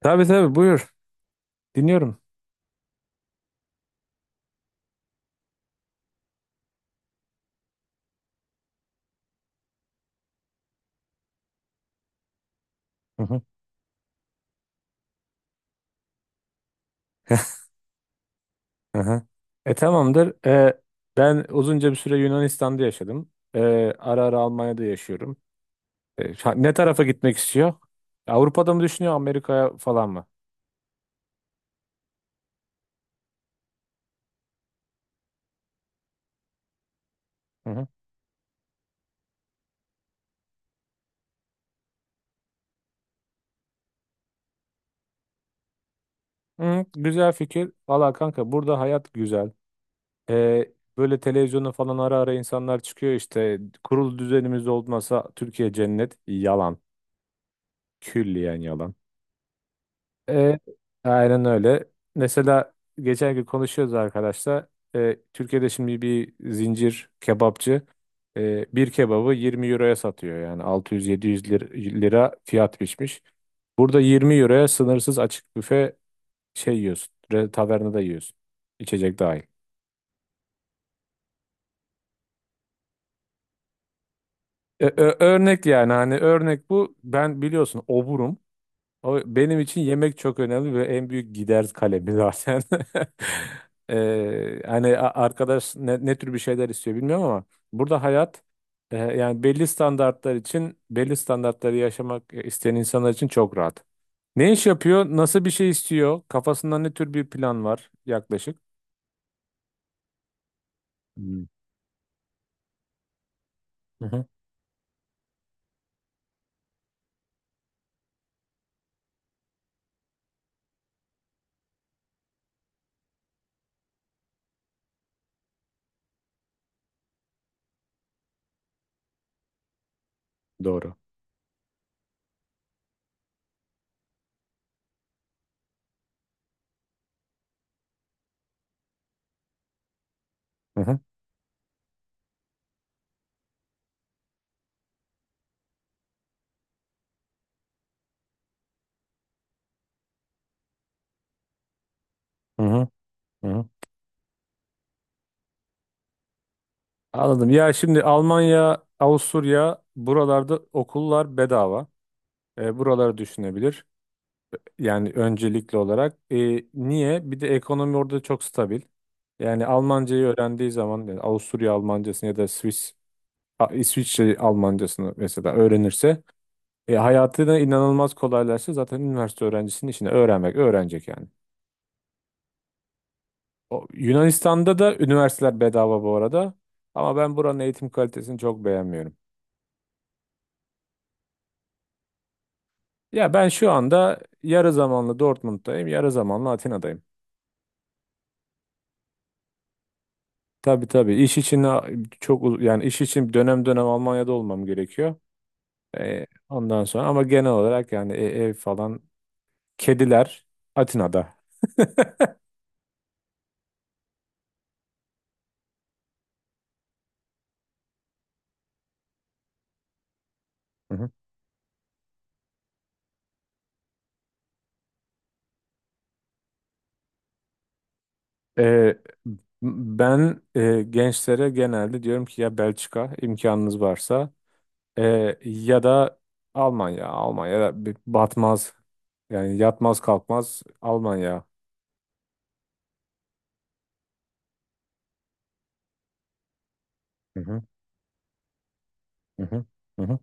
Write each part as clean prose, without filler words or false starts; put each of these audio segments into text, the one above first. Tabii tabii buyur. Dinliyorum. Hı hı. Hı hı. Tamamdır. Ben uzunca bir süre Yunanistan'da yaşadım. Ara ara Almanya'da yaşıyorum. Ne tarafa gitmek istiyor? Avrupa'da mı düşünüyor, Amerika'ya falan mı? Hı hı. Hı, güzel fikir. Valla kanka burada hayat güzel. E, Böyle televizyona falan ara ara insanlar çıkıyor işte. Kurul düzenimiz olmasa Türkiye cennet. Yalan. Külliyen yalan. E, aynen öyle. Mesela geçen gün konuşuyoruz arkadaşlar. Türkiye'de şimdi bir zincir kebapçı bir kebabı 20 euroya satıyor. Yani 600-700 lira fiyat biçmiş. Burada 20 euroya sınırsız açık büfe şey yiyorsun. Tavernada yiyorsun. İçecek dahil. Örnek yani hani örnek bu. Ben biliyorsun oburum. O benim için yemek çok önemli ve en büyük gider kalemi zaten. Hani arkadaş ne tür bir şeyler istiyor bilmiyorum ama burada hayat yani belli standartlar için belli standartları yaşamak isteyen insanlar için çok rahat. Ne iş yapıyor? Nasıl bir şey istiyor? Kafasında ne tür bir plan var yaklaşık? Hmm. Hı hı. Doğru. Hı hı. Hı hı. Hı hı. Anladım. Ya şimdi Almanya, Avusturya buralarda okullar bedava. Buraları düşünebilir. Yani öncelikli olarak. Niye? Bir de ekonomi orada çok stabil. Yani Almancayı öğrendiği zaman yani Avusturya Almancasını ya da Swiss, İsviçre Almancasını mesela öğrenirse hayatını inanılmaz kolaylaştı. Zaten üniversite öğrencisinin işini öğrenmek öğrenecek yani. O, Yunanistan'da da üniversiteler bedava bu arada. Ama ben buranın eğitim kalitesini çok beğenmiyorum. Ya ben şu anda yarı zamanlı Dortmund'dayım, yarı zamanlı Atina'dayım. Tabii tabii. İş için a- çok uz- yani iş için dönem dönem Almanya'da olmam gerekiyor. Ondan sonra ama genel olarak yani ev falan kediler Atina'da. Hı hı. Ee, Ben gençlere genelde diyorum ki ya Belçika imkanınız varsa e, ya da Almanya. Almanya bir batmaz yani yatmaz kalkmaz Almanya. Hı hı, hı hı, hı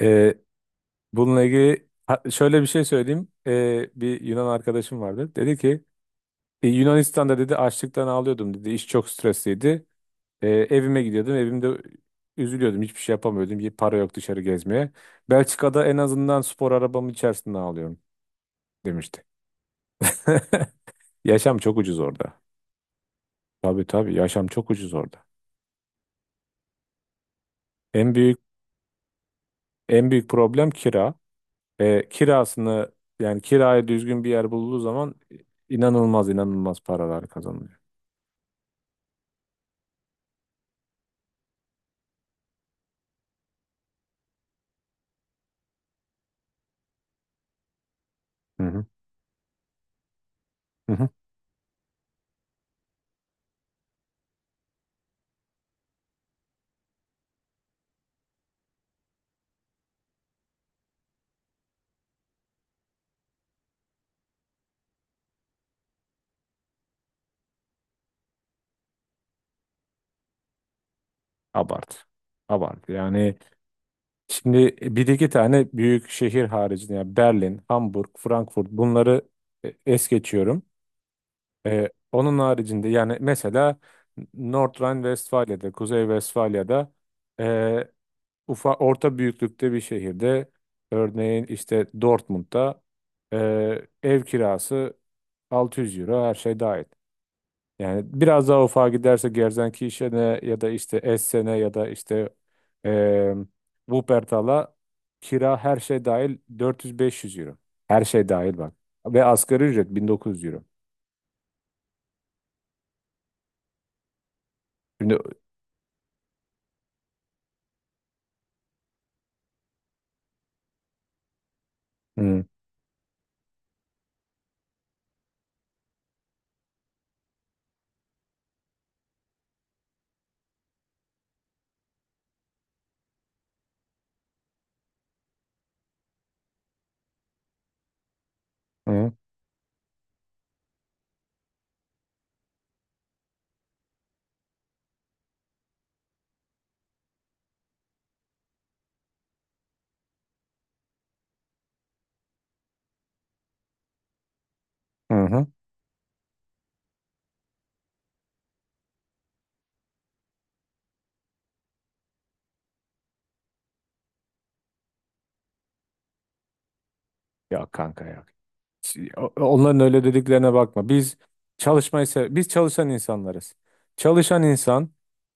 hı. Bununla ilgili şöyle bir şey söyleyeyim. Bir Yunan arkadaşım vardı. Dedi ki Yunanistan'da dedi açlıktan ağlıyordum dedi. İş çok stresliydi. Evime gidiyordum. Evimde üzülüyordum. Hiçbir şey yapamıyordum. Para yok dışarı gezmeye. Belçika'da en azından spor arabamın içerisinde ağlıyorum demişti. Yaşam çok ucuz orada. Tabii tabii yaşam çok ucuz orada. En büyük en büyük problem kira. Kirasını yani kiraya düzgün bir yer bulduğu zaman inanılmaz inanılmaz paralar kazanılıyor. Hı, hı hı. Abart. Abart. Yani şimdi bir iki tane büyük şehir haricinde yani Berlin, Hamburg, Frankfurt bunları es geçiyorum. Onun haricinde yani mesela Nordrhein-Westfalia'da, Kuzey Vesfalya'da e, orta büyüklükte bir şehirde örneğin işte Dortmund'da e, ev kirası 600 euro her şey dahil. Yani biraz daha ufağa giderse Gerzenkirchen'e ya da işte Essen'e ya da işte eee Wuppertal'a kira her şey dahil 400-500 euro. Her şey dahil bak. Ve asgari ücret 1900 euro. Şimdi. Hı, hı, hı, hı. Ya kanka ya. Onların öyle dediklerine bakma. Biz çalışan insanlarız. Çalışan insan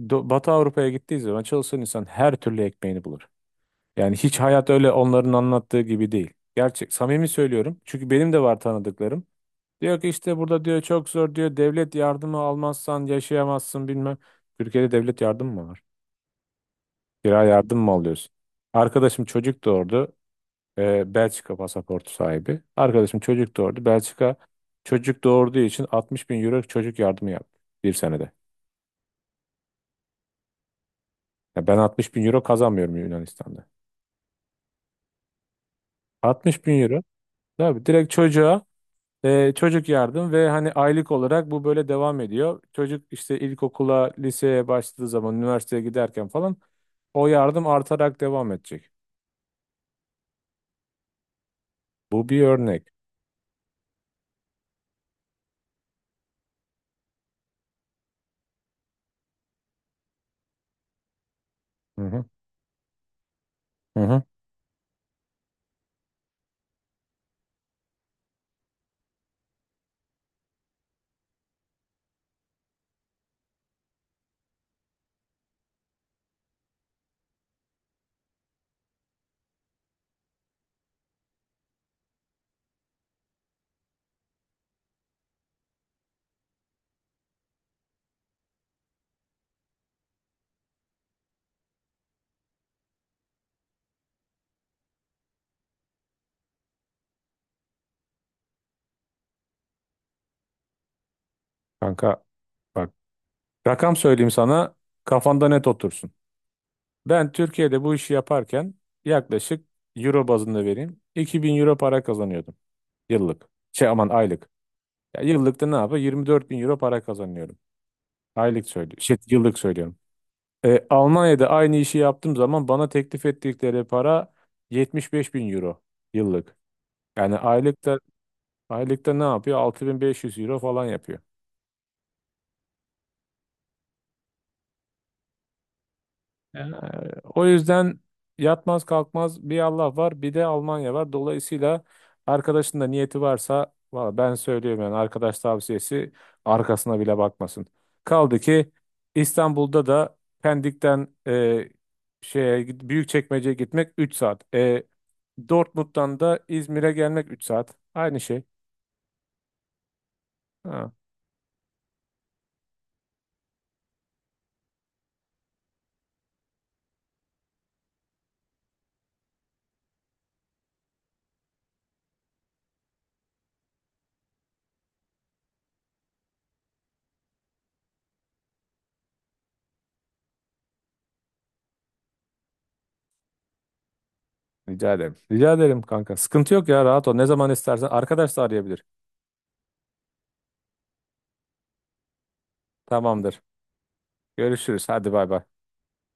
Batı Avrupa'ya gittiği zaman çalışan insan her türlü ekmeğini bulur. Yani hiç hayat öyle onların anlattığı gibi değil. Gerçek, samimi söylüyorum. Çünkü benim de var tanıdıklarım. Diyor ki işte burada diyor çok zor diyor. Devlet yardımı almazsan yaşayamazsın bilmem. Türkiye'de devlet yardımı mı var? Kira yardım mı alıyorsun? Arkadaşım çocuk doğurdu. Belçika pasaportu sahibi. Arkadaşım çocuk doğurdu. Belçika çocuk doğurduğu için 60 bin euro çocuk yardımı yaptı bir senede. Ya ben 60 bin euro kazanmıyorum Yunanistan'da. 60 bin euro. Tabii direkt çocuğa. Çocuk yardım ve hani aylık olarak bu böyle devam ediyor. Çocuk işte ilkokula, liseye başladığı zaman, üniversiteye giderken falan o yardım artarak devam edecek. Bu bir örnek. Hı hı. Hı hı. Kanka bak rakam söyleyeyim sana kafanda net otursun. Ben Türkiye'de bu işi yaparken yaklaşık euro bazında vereyim 2.000 euro para kazanıyordum yıllık. Şey aman aylık. Ya yıllıkta ne yapıyor? 24 bin euro para kazanıyorum. Aylık söylüyorum. Şey, yıllık söylüyorum. Almanya'da aynı işi yaptığım zaman bana teklif ettikleri para 75 bin euro yıllık. Yani aylıkta ne yapıyor? 6500 euro falan yapıyor. Ee, O yüzden yatmaz kalkmaz bir Allah var bir de Almanya var. Dolayısıyla arkadaşın da niyeti varsa valla ben söylüyorum yani arkadaş tavsiyesi arkasına bile bakmasın. Kaldı ki İstanbul'da da Pendik'ten Büyükçekmece'ye gitmek 3 saat. Dortmund'dan da İzmir'e gelmek 3 saat. Aynı şey. Ha, rica ederim. Rica ederim kanka. Sıkıntı yok ya rahat ol. Ne zaman istersen arkadaş da arayabilir. Tamamdır. Görüşürüz. Hadi bay bay.